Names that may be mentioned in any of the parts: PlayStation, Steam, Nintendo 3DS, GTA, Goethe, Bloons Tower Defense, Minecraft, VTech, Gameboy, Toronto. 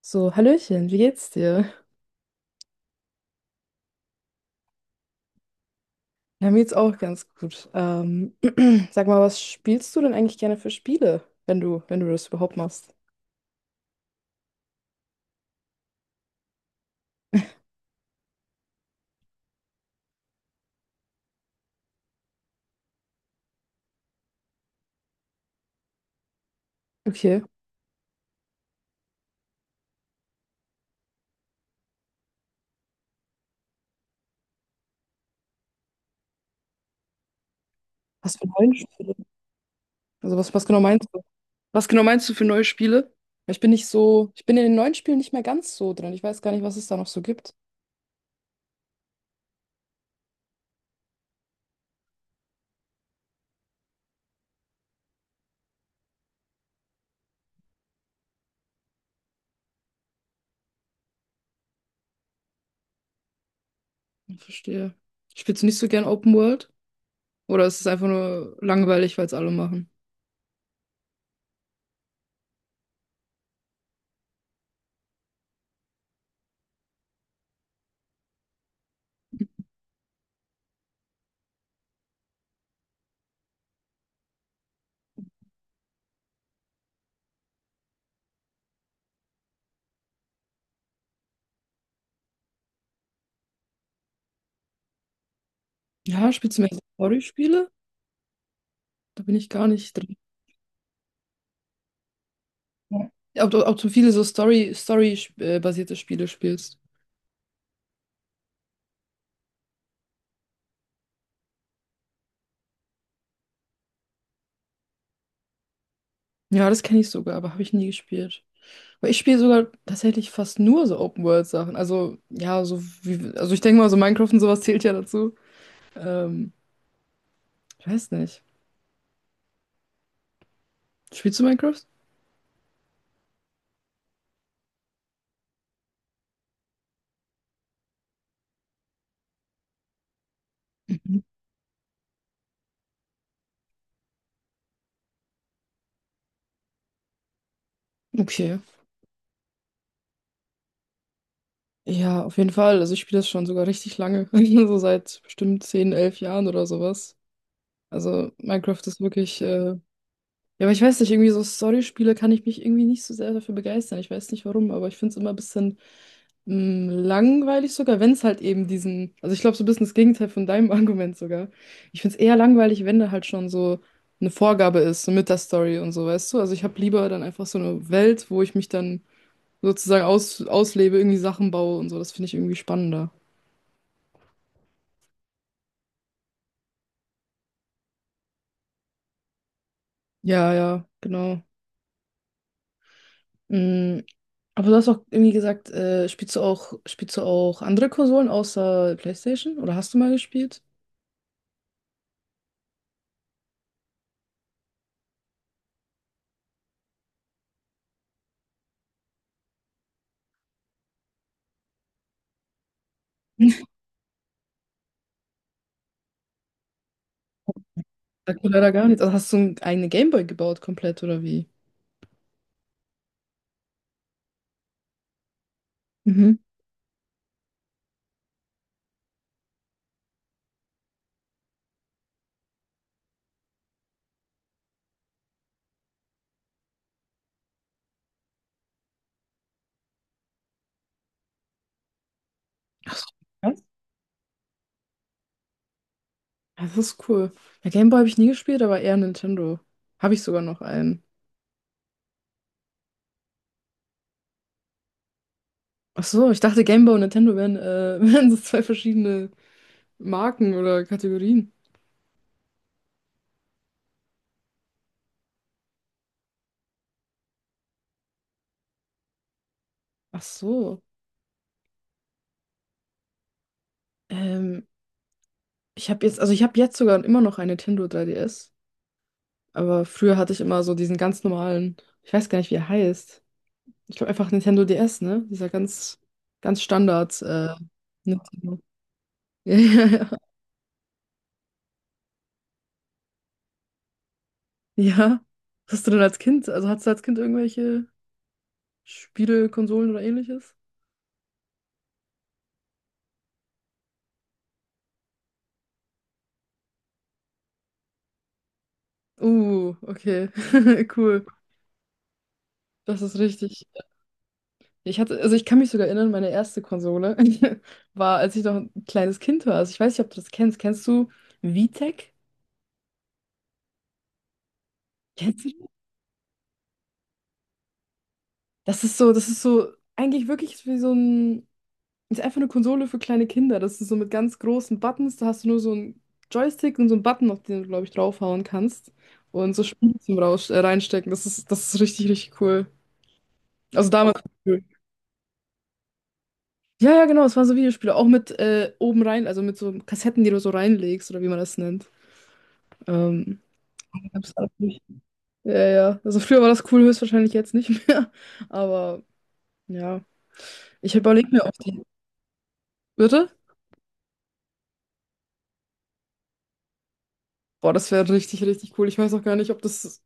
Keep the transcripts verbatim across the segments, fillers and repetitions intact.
So, Hallöchen, wie geht's dir? Ja, mir geht's auch ganz gut. Ähm, sag mal, was spielst du denn eigentlich gerne für Spiele, wenn du, wenn du das überhaupt machst? Okay. Was für neue Spiele? Also was, was genau meinst du? Was genau meinst du für neue Spiele? Weil ich bin nicht so, ich bin in den neuen Spielen nicht mehr ganz so drin. Ich weiß gar nicht, was es da noch so gibt. Ich verstehe. Spielst du nicht so gern Open World? Oder ist es einfach nur langweilig, weil es alle machen? Ja, spielst du mehr so Story-Spiele? Da bin ich gar nicht drin. Ja. Ob, du- ob du viele so Story, Story-basierte Spiele spielst. Ja, das kenne ich sogar, aber habe ich nie gespielt. Aber ich spiele sogar tatsächlich fast nur so Open-World-Sachen. Also, ja, so wie, also ich denke mal, so Minecraft und sowas zählt ja dazu. Ähm, ich weiß nicht. Spielst du Minecraft? Mhm. Okay. Ja, auf jeden Fall. Also ich spiele das schon sogar richtig lange. So seit bestimmt zehn elf Jahren oder sowas. Also Minecraft ist wirklich. äh, Ja, aber ich weiß nicht, irgendwie so Storyspiele kann ich mich irgendwie nicht so sehr dafür begeistern. Ich weiß nicht warum, aber ich finde es immer ein bisschen mm, langweilig sogar, wenn es halt eben diesen, also ich glaube so ein bisschen das Gegenteil von deinem Argument sogar. Ich finde es eher langweilig, wenn da halt schon so eine Vorgabe ist, so mit der Story und so, weißt du? Also ich habe lieber dann einfach so eine Welt, wo ich mich dann sozusagen aus, auslebe, irgendwie Sachen baue und so. Das finde ich irgendwie spannender. Ja, ja, genau. Mm, Aber du hast auch irgendwie gesagt, äh, spielst du auch, spielst du auch andere Konsolen außer PlayStation? Oder hast du mal gespielt? Sagt mir leider gar nichts. Also hast du ein- eine Gameboy gebaut komplett oder wie? Mhm. Ach so, krass. Ja, das ist cool. Ja, Gameboy habe ich nie gespielt, aber eher Nintendo. Habe ich sogar noch einen. Ach so, ich dachte Gameboy und Nintendo wären äh, wären so zwei verschiedene Marken oder Kategorien. Ach so. Ähm, ich habe jetzt, also ich habe jetzt sogar immer noch ein Nintendo drei D S. Aber früher hatte ich immer so diesen ganz normalen, ich weiß gar nicht, wie er heißt. Ich glaube einfach Nintendo D S, ne? Dieser ganz, ganz Standard, äh, Nintendo. Ja, ja, ja. Ja. Was hast du denn als Kind? Also hattest du als Kind irgendwelche Spiele, Konsolen oder ähnliches? Uh, okay. Cool. Das ist richtig. Ich hatte, also ich kann mich sogar erinnern, meine erste Konsole war, als ich noch ein kleines Kind war. Also ich weiß nicht, ob du das kennst. Kennst du VTech? Kennst du? das? Das ist so, das ist so eigentlich wirklich wie so ein. Ist einfach eine Konsole für kleine Kinder. Das ist so mit ganz großen Buttons. Da hast du nur so einen Joystick und so einen Button, auf den du, glaube ich, draufhauen kannst. Und so Spiele zum Raus äh, reinstecken. Das ist, das ist richtig, richtig cool. Also damals. Cool. Ja, ja, genau. Es waren so Videospiele. Auch mit äh, oben rein, also mit so Kassetten, die du so reinlegst oder wie man das nennt. Ähm, gab's da nicht. Ja, ja. Also früher war das cool, höchstwahrscheinlich jetzt nicht mehr. Aber ja. Ich überlege mir auch die. Bitte? Boah, das wäre richtig, richtig cool. Ich weiß auch gar nicht, ob das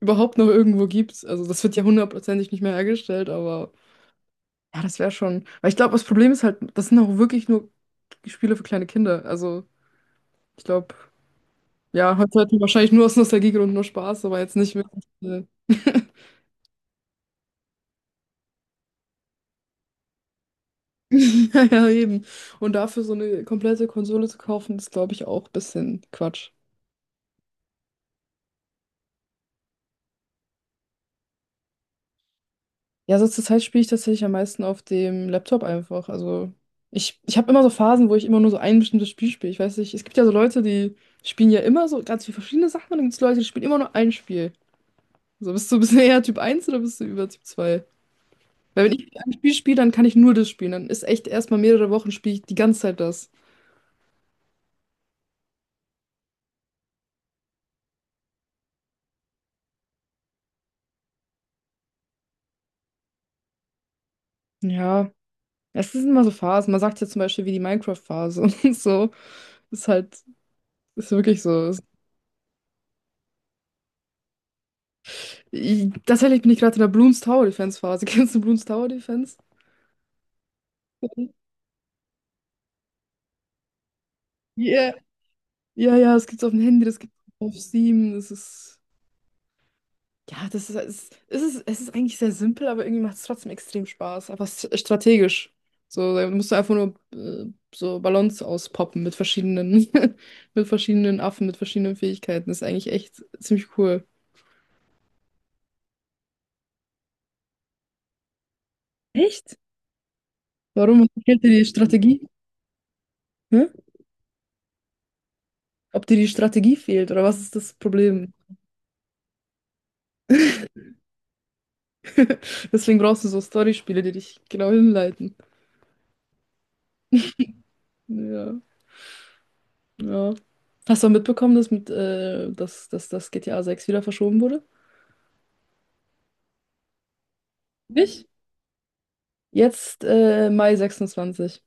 überhaupt noch irgendwo gibt. Also das wird ja hundertprozentig nicht mehr hergestellt, aber ja, das wäre schon. Weil ich glaube, das Problem ist halt, das sind auch wirklich nur Spiele für kleine Kinder. Also ich glaube, ja, heute hat man wahrscheinlich nur aus Nostalgiegründen nur Spaß, aber jetzt nicht wirklich. äh, Ja, ja, eben. Und dafür so eine komplette Konsole zu kaufen, ist, glaube ich, auch ein bisschen Quatsch. Ja, so zur Zeit spiele ich tatsächlich am meisten auf dem Laptop einfach. Also ich, ich habe immer so Phasen, wo ich immer nur so ein bestimmtes Spiel spiele. Ich weiß nicht, es gibt ja so Leute, die spielen ja immer so ganz viele verschiedene Sachen und dann gibt es Leute, die spielen immer nur ein Spiel. So, bist du, bist du eher Typ eins oder bist du über Typ zwei? Weil wenn ich ein Spiel spiele, dann kann ich nur das spielen. Dann ist echt erstmal mehrere Wochen spiele ich die ganze Zeit das. Ja, es sind immer so Phasen. Man sagt ja zum Beispiel wie die Minecraft-Phase und so. Ist halt, ist wirklich so. Ich, tatsächlich bin ich gerade in der Bloons Tower Defense Phase. Kennst du Bloons Tower Defense? Ja, ja, ja, das gibt's auf dem Handy, das gibt's auf Steam. Das ist, ja, das ist, es es ist, es ist eigentlich sehr simpel, aber irgendwie macht es trotzdem extrem Spaß. Einfach s- strategisch. So, da musst du einfach nur äh, so Ballons auspoppen mit verschiedenen, mit verschiedenen Affen, mit verschiedenen Fähigkeiten. Das ist eigentlich echt ziemlich cool. Echt? Warum fehlt dir die Strategie? Hä? Ob dir die Strategie fehlt oder was ist das Problem? Deswegen brauchst du so Storyspiele, die dich genau hinleiten. Ja. Ja. Hast du auch mitbekommen, dass mit äh, dass, dass das G T A sechs wieder verschoben wurde? Nicht? Jetzt äh, Mai sechsundzwanzig.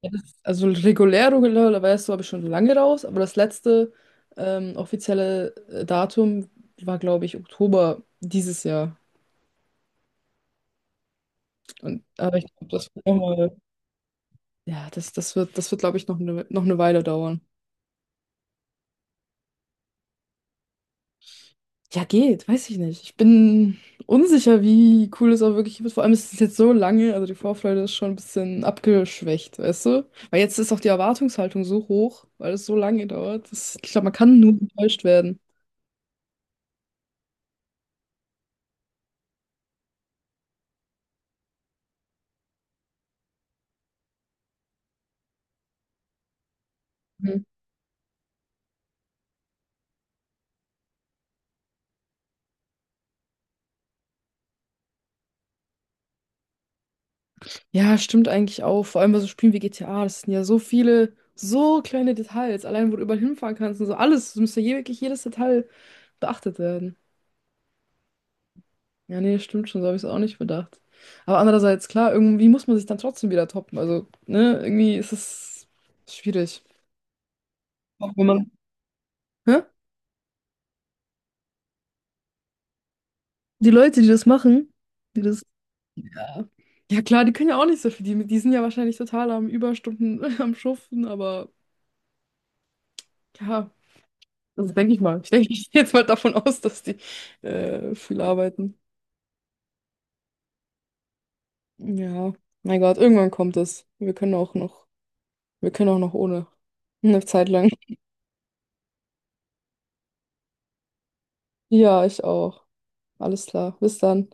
Ja, das- also regulär, regulär, war es so, habe ich schon lange raus, aber das letzte ähm, offizielle äh, Datum war, glaube ich, Oktober dieses Jahr. Und, aber ich glaube, das wird nochmal, ja, das, das wird, das wird, glaube ich, noch eine, noch eine Weile dauern. Ja, geht, weiß ich nicht. Ich bin unsicher, wie cool es auch wirklich wird. Vor allem ist es jetzt so lange, also die Vorfreude ist schon ein bisschen abgeschwächt, weißt du? Weil jetzt ist auch die Erwartungshaltung so hoch, weil es so lange dauert. Das, ich glaube, man kann nur enttäuscht werden. Mhm. Ja, stimmt eigentlich auch. Vor allem bei so Spielen wie G T A, das sind ja so viele, so kleine Details. Allein, wo du überall hinfahren kannst und so alles, es müsste je, wirklich jedes Detail beachtet werden. Ja, nee, stimmt schon, so habe ich es auch nicht bedacht. Aber andererseits, klar, irgendwie muss man sich dann trotzdem wieder toppen. Also, ne, irgendwie ist es schwierig. Auch wenn man. Hä? Die Leute, die das machen, die das. Ja. Ja, klar, die können ja auch nicht so viel. Die, die sind ja wahrscheinlich total am Überstunden am Schuften, aber ja, das denke ich mal. Ich denke, ich gehe jetzt mal davon aus, dass die äh, viel arbeiten. Ja, mein Gott, irgendwann kommt es. Wir können auch noch, wir können auch noch ohne. Eine Zeit lang. Ja, ich auch. Alles klar. Bis dann.